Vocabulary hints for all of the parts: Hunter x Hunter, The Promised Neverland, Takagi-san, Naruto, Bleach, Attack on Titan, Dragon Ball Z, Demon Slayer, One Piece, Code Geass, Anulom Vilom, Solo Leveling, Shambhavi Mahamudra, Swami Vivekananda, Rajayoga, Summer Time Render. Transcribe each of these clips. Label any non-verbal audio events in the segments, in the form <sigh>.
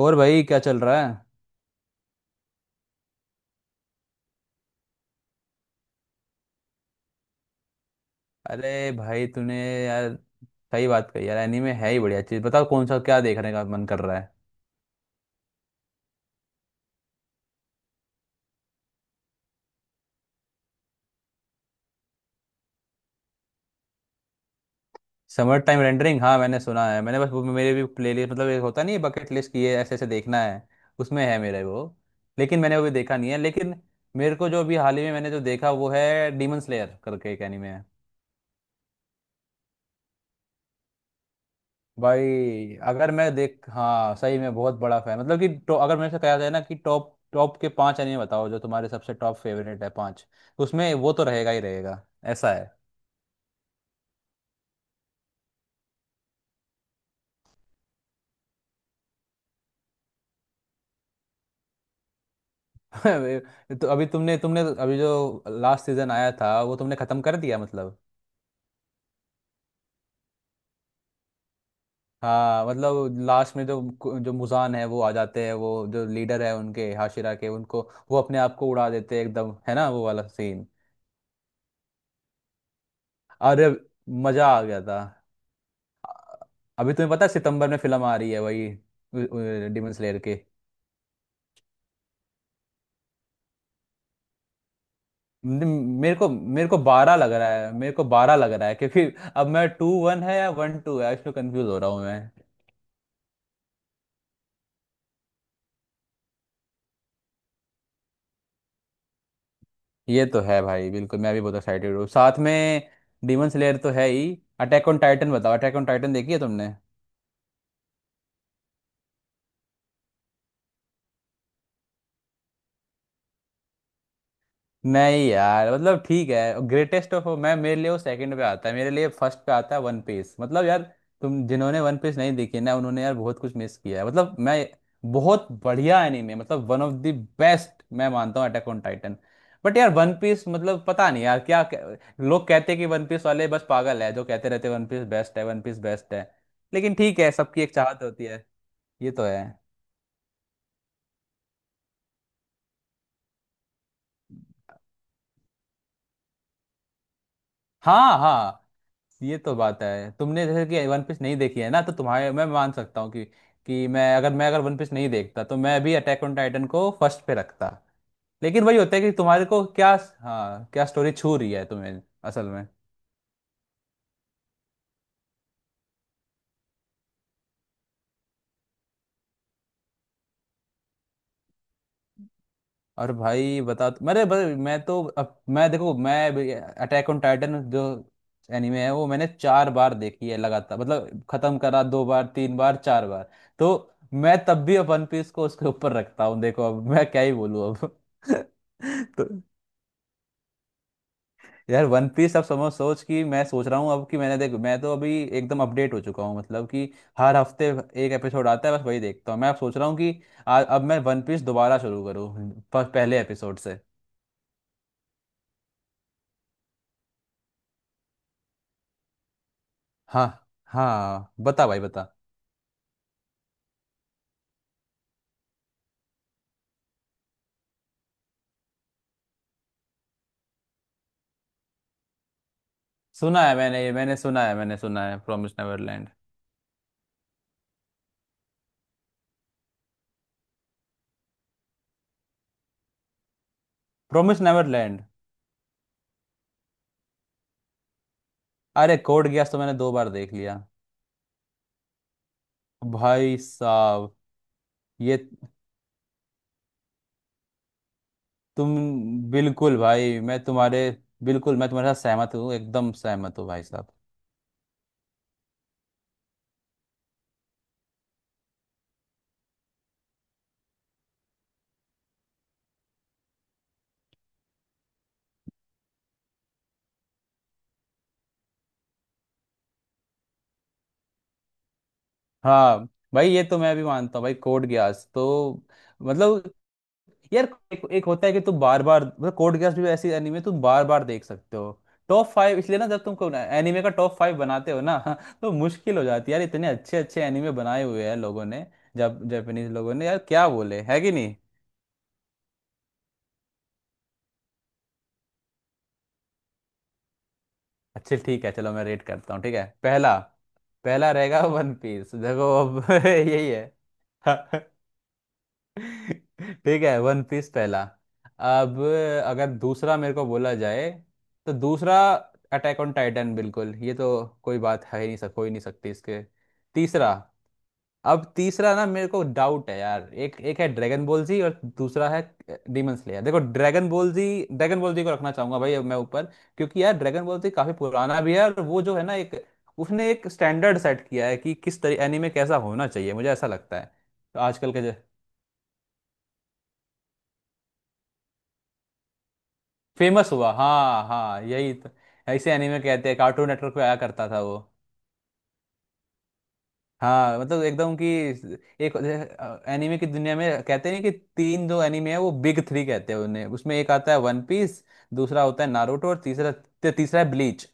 और भाई, क्या चल रहा है? अरे भाई तूने, यार सही बात कही यार। एनीमे है ही बढ़िया चीज़। बताओ कौन सा, क्या देखने का मन कर रहा है? समर टाइम रेंडरिंग, हाँ मैंने सुना है। मैंने बस वो, मेरे भी प्ले लिस्ट मतलब, एक होता नहीं, बकेट लिस्ट की है। ऐसे ऐसे देखना है उसमें, है मेरे वो। लेकिन मैंने वो भी देखा नहीं है। लेकिन मेरे को जो अभी हाल ही में मैंने जो देखा वो है डीमन स्लेयर करके एक एनीमे। भाई अगर मैं देख, हाँ सही में बहुत बड़ा फैन, मतलब कि अगर मेरे से कहा जाए ना कि टॉप टॉप के पांच एनिमे बताओ जो तुम्हारे सबसे टॉप फेवरेट है पांच, तो उसमें वो तो रहेगा ही रहेगा। ऐसा है। <laughs> तो अभी तुमने तुमने अभी जो लास्ट सीजन आया था वो तुमने खत्म कर दिया मतलब? हाँ मतलब लास्ट में जो जो मुजान है वो आ जाते हैं, वो जो लीडर है उनके हाशिरा के उनको, वो अपने आप को उड़ा देते हैं एकदम, है ना वो वाला सीन? अरे, मजा आ गया था। अभी तुम्हें पता है सितंबर में फिल्म आ रही है वही, डिमन स्लेयर के? न- मेरे को बारह लग रहा है, मेरे को बारह लग रहा है, क्योंकि अब मैं टू वन है या वन टू है इसमें कंफ्यूज हो रहा हूँ मैं। ये तो है भाई, बिल्कुल मैं भी बहुत एक्साइटेड हूँ साथ में। डिमन स्लेयर तो है ही। अटैक ऑन टाइटन, बताओ अटैक ऑन टाइटन देखी है तुमने? नहीं यार, मतलब ठीक है, ग्रेटेस्ट ऑफ, मैं, मेरे लिए वो सेकंड पे आता है, मेरे लिए फर्स्ट पे आता है वन पीस। मतलब यार, तुम जिन्होंने वन पीस नहीं देखी ना, उन्होंने यार बहुत कुछ मिस किया है। मतलब मैं, बहुत बढ़िया एनीमे, मतलब वन ऑफ द बेस्ट मैं मानता हूँ अटैक ऑन टाइटन, बट यार वन पीस मतलब पता नहीं यार क्या क्या- लोग कहते हैं कि वन पीस वाले बस पागल है, जो कहते रहते हैं वन पीस बेस्ट है, वन पीस बेस्ट है। लेकिन ठीक है, सबकी एक चाहत होती है। ये तो है। हाँ हाँ, ये तो बात है। तुमने जैसे कि वन पीस नहीं देखी है ना, तो तुम्हारे, मैं मान सकता हूँ कि मैं अगर वन पीस नहीं देखता तो मैं भी अटैक ऑन टाइटन को फर्स्ट पे रखता। लेकिन वही होता है कि तुम्हारे को क्या, हाँ क्या स्टोरी छू रही है तुम्हें असल में। और भाई बता, मेरे मैं तो अब, मैं देखो मैं, अटैक ऑन टाइटन जो एनिमे है वो मैंने चार बार देखी है लगातार, मतलब खत्म करा, दो बार, तीन बार, चार बार, तो मैं तब भी अब वन पीस को उसके ऊपर रखता हूँ। देखो, अब मैं क्या ही बोलूँ अब। <laughs> तो यार वन पीस, अब समझ, सोच कि मैं सोच रहा हूँ अब कि मैंने, देखो मैं तो अभी एकदम अपडेट हो चुका हूँ मतलब कि हर हफ्ते एक एपिसोड आता है बस वही देखता हूँ। मैं अब सोच रहा हूँ कि अब मैं वन पीस दोबारा शुरू करूँ पहले एपिसोड से। हाँ हाँ, बता भाई बता। सुना है मैंने, ये मैंने सुना है, मैंने सुना है प्रॉमिस नेवरलैंड। Promise Neverland? अरे, कोड गियास तो मैंने दो बार देख लिया। भाई साहब, ये तुम, बिल्कुल भाई मैं तुम्हारे, बिल्कुल मैं तुम्हारे साथ सहमत हूँ, एकदम सहमत हूँ भाई साहब। हाँ भाई, ये तो मैं भी मानता हूँ भाई, कोड गियास तो मतलब यार। एक होता है कि तुम बार बार, मतलब कोड गेस भी ऐसी एनीमे तुम बार बार देख सकते हो। टॉप फाइव इसलिए ना, जब तुम एनीमे का टॉप फाइव बनाते हो ना <laughs> तो मुश्किल हो जाती है यार, इतने अच्छे अच्छे एनीमे बनाए हुए हैं लोगों ने, जब जापानीज लोगों ने, यार क्या बोले है कि नहीं। अच्छे ठीक है, चलो मैं रेट करता हूँ। ठीक है, पहला, पहला रहेगा वन पीस, देखो अब <laughs> यही है। <laughs> ठीक है, वन पीस पहला। अब अगर दूसरा मेरे को बोला जाए, तो दूसरा अटैक ऑन टाइटन, बिल्कुल, ये तो कोई बात है ही नहीं, सक हो ही नहीं सकती इसके। तीसरा, अब तीसरा ना मेरे को डाउट है यार, एक एक है ड्रैगन बॉल जी और दूसरा है डीमन स्लेयर। देखो, Dragon Ball Z, Dragon Ball Z को रखना चाहूंगा भाई अब मैं ऊपर, क्योंकि यार ड्रैगन बॉल जी काफी पुराना भी है, और वो जो है ना एक, उसने एक स्टैंडर्ड सेट किया है कि किस तरह एनीमे कैसा होना चाहिए, मुझे ऐसा लगता है। तो आजकल के जो, फेमस हुआ, हाँ हाँ यही तो, ऐसे एनीमे कहते हैं, कार्टून नेटवर्क पे आया करता था वो। हाँ मतलब एकदम कि, एक एनीमे की दुनिया में कहते हैं कि तीन जो एनीमे है वो बिग थ्री कहते हैं उन्हें, उसमें एक आता है वन पीस, दूसरा होता है नारुतो, और तीसरा तीसरा है ब्लीच।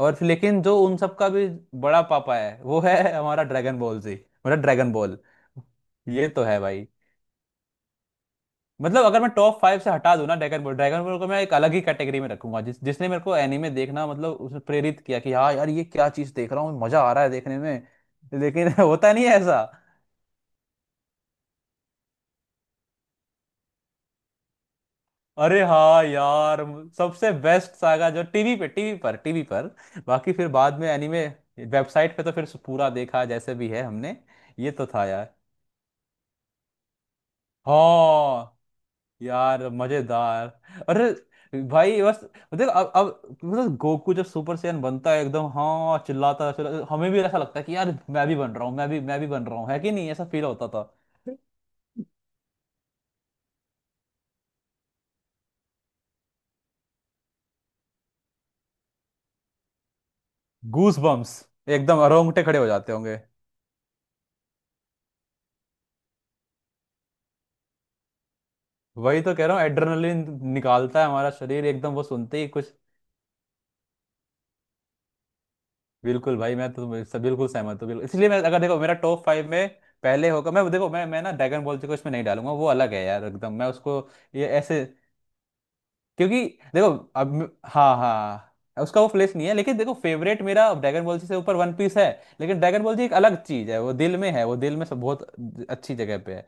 और फिर लेकिन जो उन सब का भी बड़ा पापा है वो है हमारा ड्रैगन बॉल जी, मतलब ड्रैगन बॉल। ये तो है भाई। मतलब अगर मैं टॉप फाइव से हटा दूं ना ड्रैगन बॉल को मैं एक अलग ही कैटेगरी में रखूंगा, जिसने मेरे को एनीमे देखना, मतलब उसने प्रेरित किया कि हाँ यार ये क्या चीज देख रहा हूँ, मजा आ रहा है देखने में। लेकिन <laughs> होता नहीं है ऐसा। अरे हाँ यार, सबसे बेस्ट सागा जो टीवी पे, टीवी पर, बाकी फिर बाद में एनीमे वेबसाइट पे तो फिर पूरा देखा जैसे भी है हमने। ये तो था यार। हाँ यार, मजेदार। अरे भाई बस, देख अब मतलब गोकू जब सुपर सैयन बनता है एकदम, हाँ चिल्लाता चिल्लाता, हमें भी ऐसा लगता है कि यार मैं भी बन रहा हूँ, मैं भी बन रहा हूँ, है कि नहीं, ऐसा फील होता था। गूस बम्स, एकदम रोंगटे खड़े हो जाते होंगे। वही तो कह रहा हूँ, एड्रेनलिन निकालता है हमारा शरीर एकदम वो सुनते ही कुछ। बिल्कुल भाई, मैं तो सब बिल्कुल सहमत हूँ, बिल्कुल। इसलिए मैं, अगर देखो मेरा टॉप फाइव में पहले होगा, मैं देखो मैं ना ड्रैगन बॉल जी को इसमें नहीं डालूंगा, वो अलग है यार एकदम, मैं उसको, ये ऐसे, क्योंकि देखो अब, हाँ हाँ, हाँ, उसका वो प्लेस नहीं है, लेकिन देखो फेवरेट मेरा ड्रैगन बॉल जी से ऊपर वन पीस है। लेकिन ड्रैगन बॉल जी एक अलग चीज है, वो दिल में है, वो दिल में सब बहुत अच्छी जगह पे है।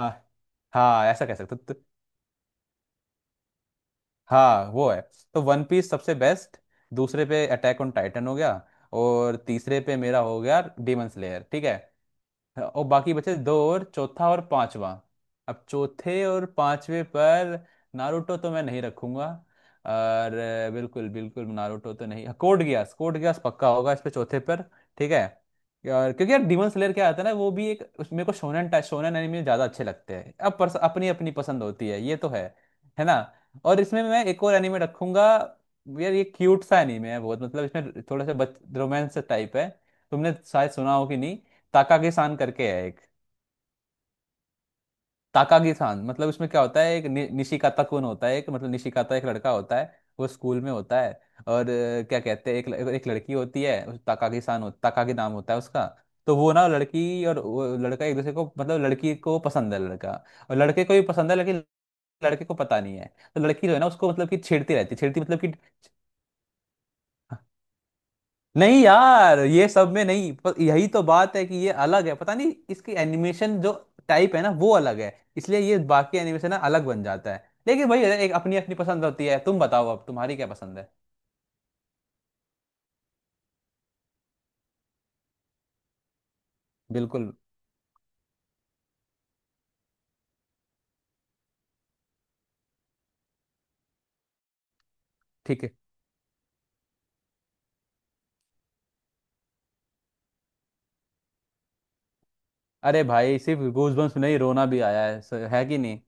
हाँ हाँ, ऐसा कह सकते हो। तो, हाँ वो है। तो वन पीस सबसे बेस्ट, दूसरे पे अटैक ऑन टाइटन हो गया, और तीसरे पे मेरा हो गया डेमन स्लेयर, ठीक है। और बाकी बचे दो, और चौथा और पांचवा। अब चौथे और पांचवे पर नारुतो तो मैं नहीं रखूंगा, और बिल्कुल बिल्कुल नारुतो तो नहीं, कोड गियास, कोड गियास पक्का होगा इस पे चौथे पर, ठीक है। और क्योंकि यार डीमन स्लेयर क्या आता है ना, वो भी एक मेरे को शोनन टाइप, शोनन एनिमे ज्यादा अच्छे लगते हैं अब, अपनी अपनी पसंद होती है, ये तो है ना। और इसमें मैं एक और एनिमे रखूंगा, यार ये क्यूट सा एनिमे है बहुत, मतलब इसमें थोड़ा सा बच रोमांस टाइप है। तुमने शायद सुना हो कि नहीं, ताकागीसान करके है एक। ताकागीसान, मतलब इसमें क्या होता है, एक निशिकाता कुन होता है एक, मतलब निशिकाता एक लड़का होता है, वो स्कूल में होता है। और क्या कहते हैं, एक एक लड़की होती है, उस ताकागीसान हो, ताकागी नाम होता है उसका। तो वो ना, लड़की और वो लड़का एक दूसरे को, मतलब लड़की को पसंद है लड़का, और लड़के को भी पसंद है, लेकिन लड़के को पता नहीं है। तो लड़की जो है ना, उसको मतलब कि छेड़ती रहती है, छेड़ती मतलब कि, नहीं यार ये सब में नहीं, पर यही तो बात है कि ये अलग है, पता नहीं इसकी एनिमेशन जो टाइप है ना वो अलग है, इसलिए ये बाकी एनिमेशन ना अलग बन जाता है। लेकिन भाई, एक अपनी अपनी पसंद होती है। तुम बताओ अब तुम्हारी क्या पसंद है? बिल्कुल, ठीक है। अरे भाई सिर्फ गूजबम्प्स में नहीं, रोना भी आया है, है कि नहीं?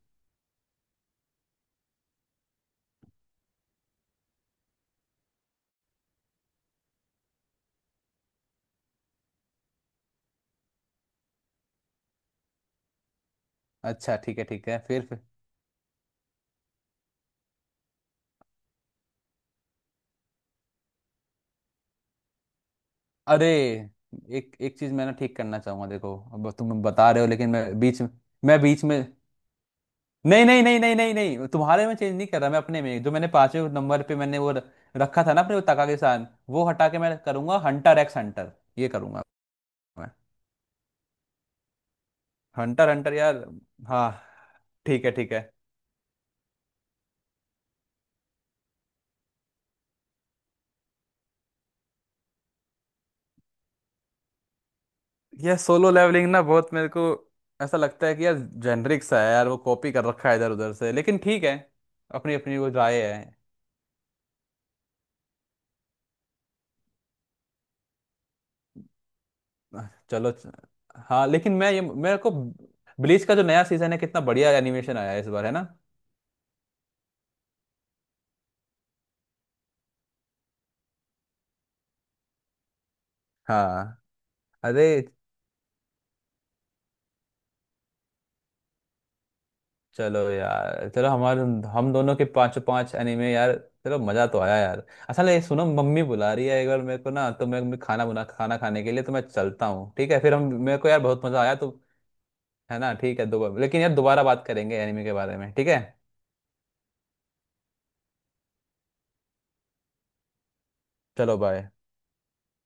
अच्छा ठीक है ठीक है, फिर, अरे एक एक चीज मैं ना ठीक करना चाहूंगा, देखो अब तुम बता रहे हो लेकिन मैं बीच में, मैं बीच में, नहीं नहीं नहीं नहीं नहीं नहीं, तुम्हारे में चेंज नहीं कर रहा, मैं अपने में जो मैंने पांचवें नंबर पे मैंने वो रखा था ना अपने, वो तका के साथ, वो हटा के मैं करूंगा हंटर एक्स हंटर, ये करूंगा मैं। हंटर हंटर यार, हाँ, ठीक है ठीक है। यह सोलो लेवलिंग ना, बहुत मेरे को ऐसा लगता है कि यार जेनरिक सा है यार, वो कॉपी कर रखा है इधर उधर से, लेकिन ठीक है, अपनी अपनी वो राय है। चलो हाँ, लेकिन मैं ये, मेरे को ब्लीच का जो नया सीजन है कितना बढ़िया एनिमेशन आया है इस बार, है ना। हाँ, अरे चलो यार, चलो हमारे, हम दोनों के पांचों पांच एनिमे यार। चलो, मजा तो आया यार। अच्छा ले सुनो, मम्मी बुला रही है एक बार मेरे को ना, तो मैं खाना बना खाना खाने के लिए, तो मैं चलता हूँ ठीक है, फिर हम, मेरे को यार बहुत मजा आया तो। है ना, ठीक है, दोबारा, लेकिन यार दोबारा बात करेंगे एनिमे के बारे में, ठीक है। चलो बाय।